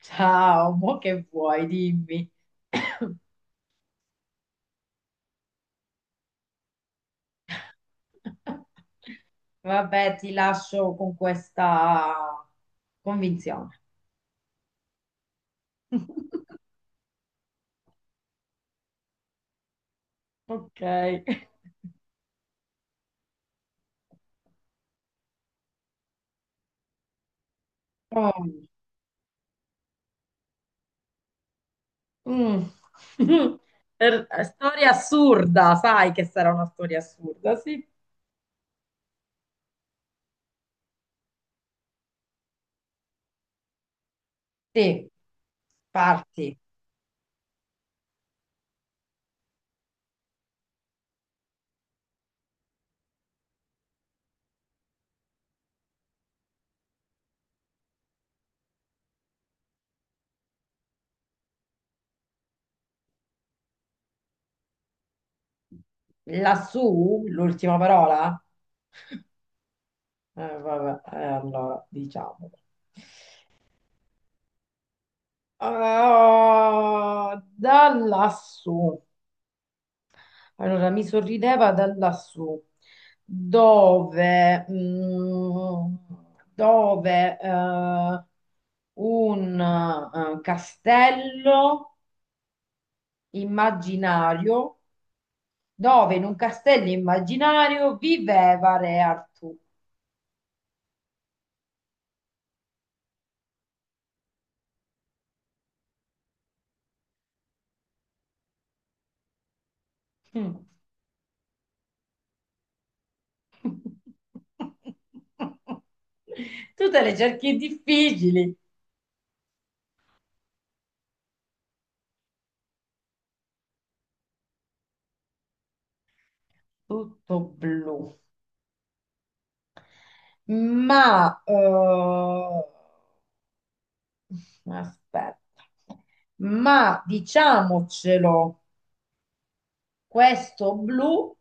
Ciao, mo che vuoi, dimmi. Vabbè, ti lascio con questa convinzione. Ok. Oh, mm. Storia assurda, sai che sarà una storia assurda, sì. Sì, parti. Lassù, l'ultima parola? Vabbè, allora, diciamo. Ah, da lassù. Allora, mi sorrideva da lassù, dove, mm, dove un castello immaginario, dove in un castello immaginario viveva Re Artù. Mm. Tu te le cerchi difficili, tutto blu, ma aspetta. Ma diciamocelo, questo blu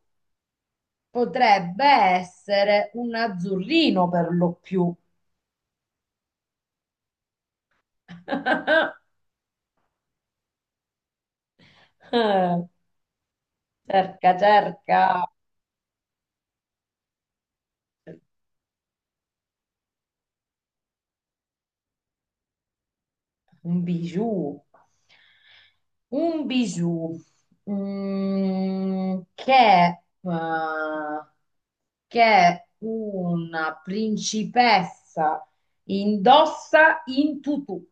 potrebbe essere un azzurrino per lo più. Cerca, cerca. Un bijou. Un bijou mm, che, eh, che una principessa indossa in tutù.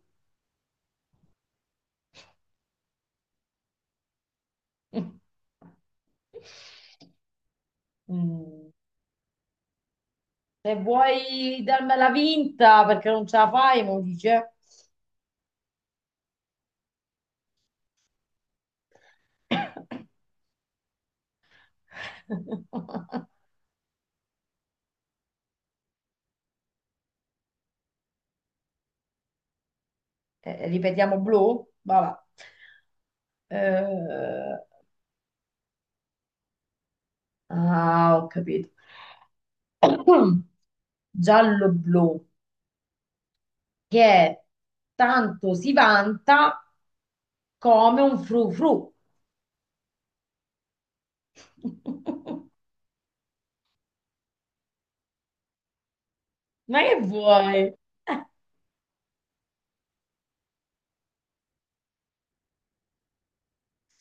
Mm. Se vuoi darmela vinta perché non ce la fai, mi dice. Ripetiamo blu? Vabbè. Eh, ah, ho capito. Giallo-blu, che tanto si vanta come un frufru. Ma che vuoi?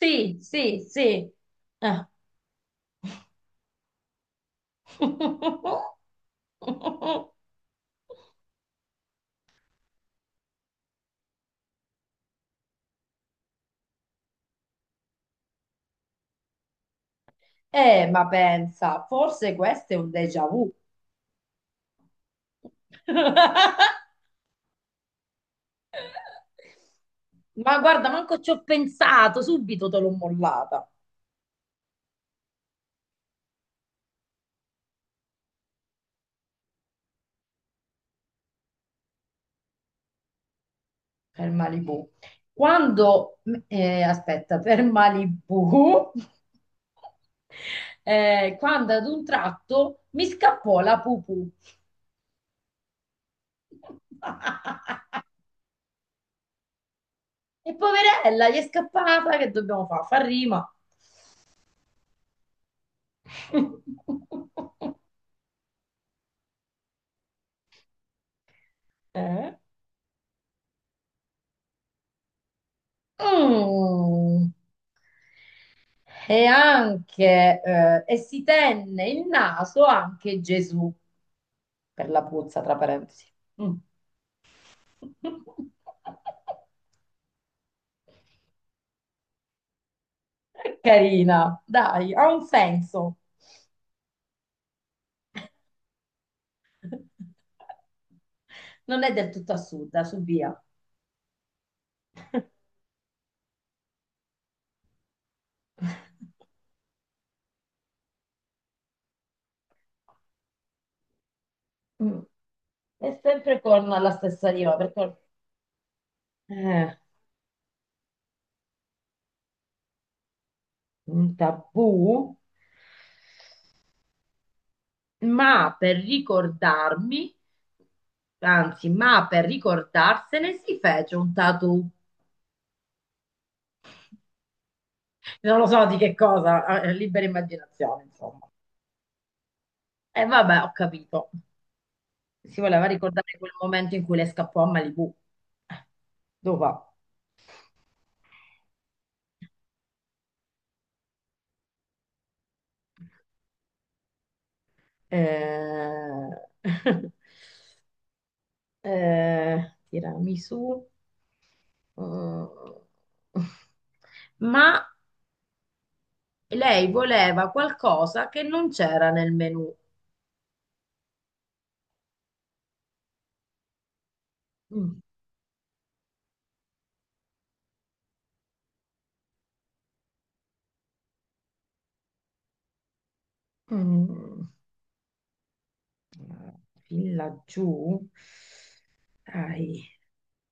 Sì, sì, sì. Ah. Ma pensa, forse questo è un déjà vu. Ma guarda, manco ci ho pensato, subito te l'ho mollata per Malibu. Quando, aspetta, per Malibu, quando ad un tratto mi scappò la pupù. E poverella, gli è scappata, che dobbiamo fare? Fa rima. Eh? Mm. E anche, e si tenne il naso anche Gesù, per la puzza, tra parentesi. Mm. Carina, dai, ha un senso. Non è del tutto assurda, su via. Mm. È sempre con la stessa rima, perché... Eh, un tabù? Ma per ricordarmi, anzi, ma per ricordarsene si fece un tattoo. Non lo so di che cosa, libera immaginazione, insomma. E vabbè, ho capito. Si voleva ricordare quel momento in cui le scappò a Malibu. Dopo. Eh... tiramisù. Mm. Ma lei voleva qualcosa che non c'era nel menù. Mm, mm, mm. Fin laggiù, dai,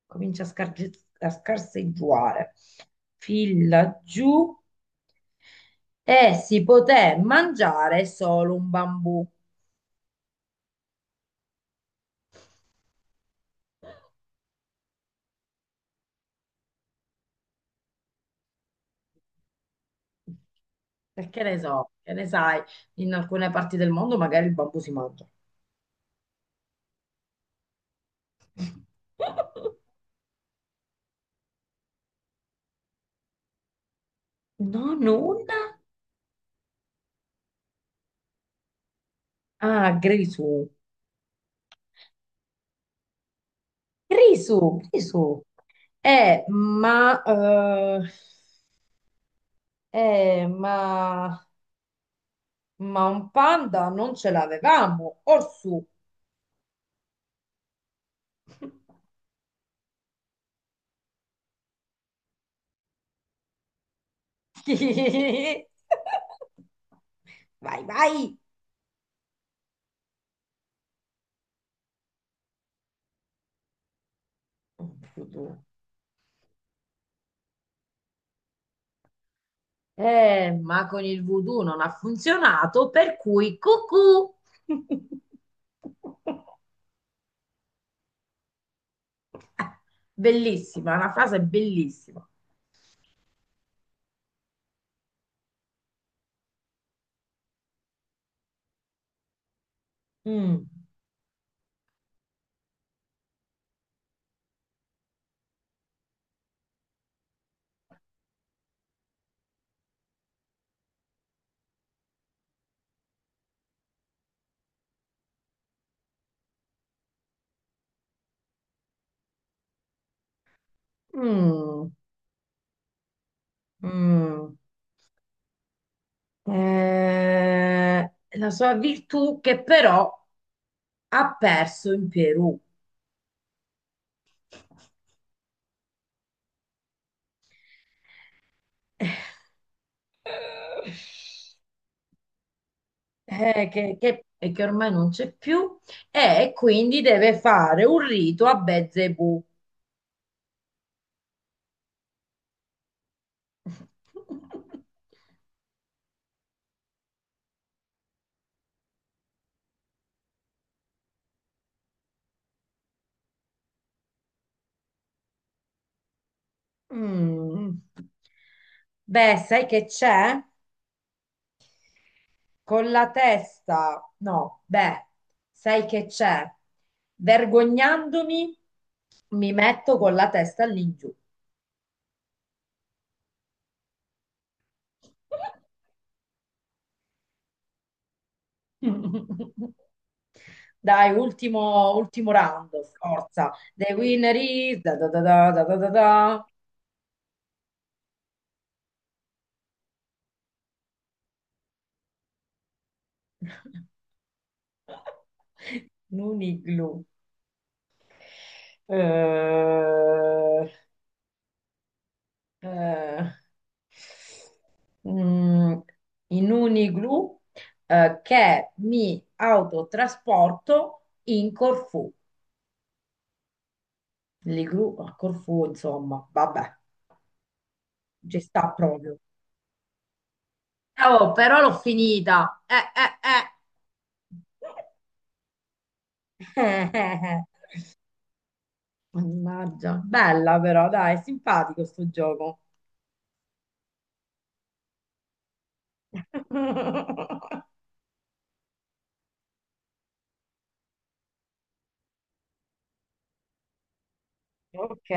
comincia a, scarge- a scarseggiare. Fin laggiù e si poté mangiare solo un bambù. Perché ne so, che ne sai, in alcune parti del mondo magari il bambù si mangia. Non una? Ah, Grisù. Grisù, Grisù. Eh, ma eh, Eh, ma, ma un panda non ce l'avevamo, orsù. Vai, vai. Voodoo. Ma con il voodoo non ha funzionato, per cui cucù. Bellissima, è una frase bellissima. Mm, mm, mm. La sua virtù che però ha perso in Perù. eh, e che ormai non c'è più, e quindi deve fare un rito a Belzebù. Mm. Beh, sai che c'è? Con la testa, no, beh, sai che c'è? Vergognandomi, mi metto con la testa lì giù. Dai, ultimo, ultimo round, forza. The winner is... Da, da, da, da, da, da, da, da. Nuniglu. Eh, eh, mm, In Uniglu che mi autotrasporto in Corfù. L'Iglu a Corfù, insomma, vabbè, ci sta proprio. Oh, però l'ho finita. Eh, eh. Mannaggia, bella però, dai, simpatico sto gioco. eh. Ok.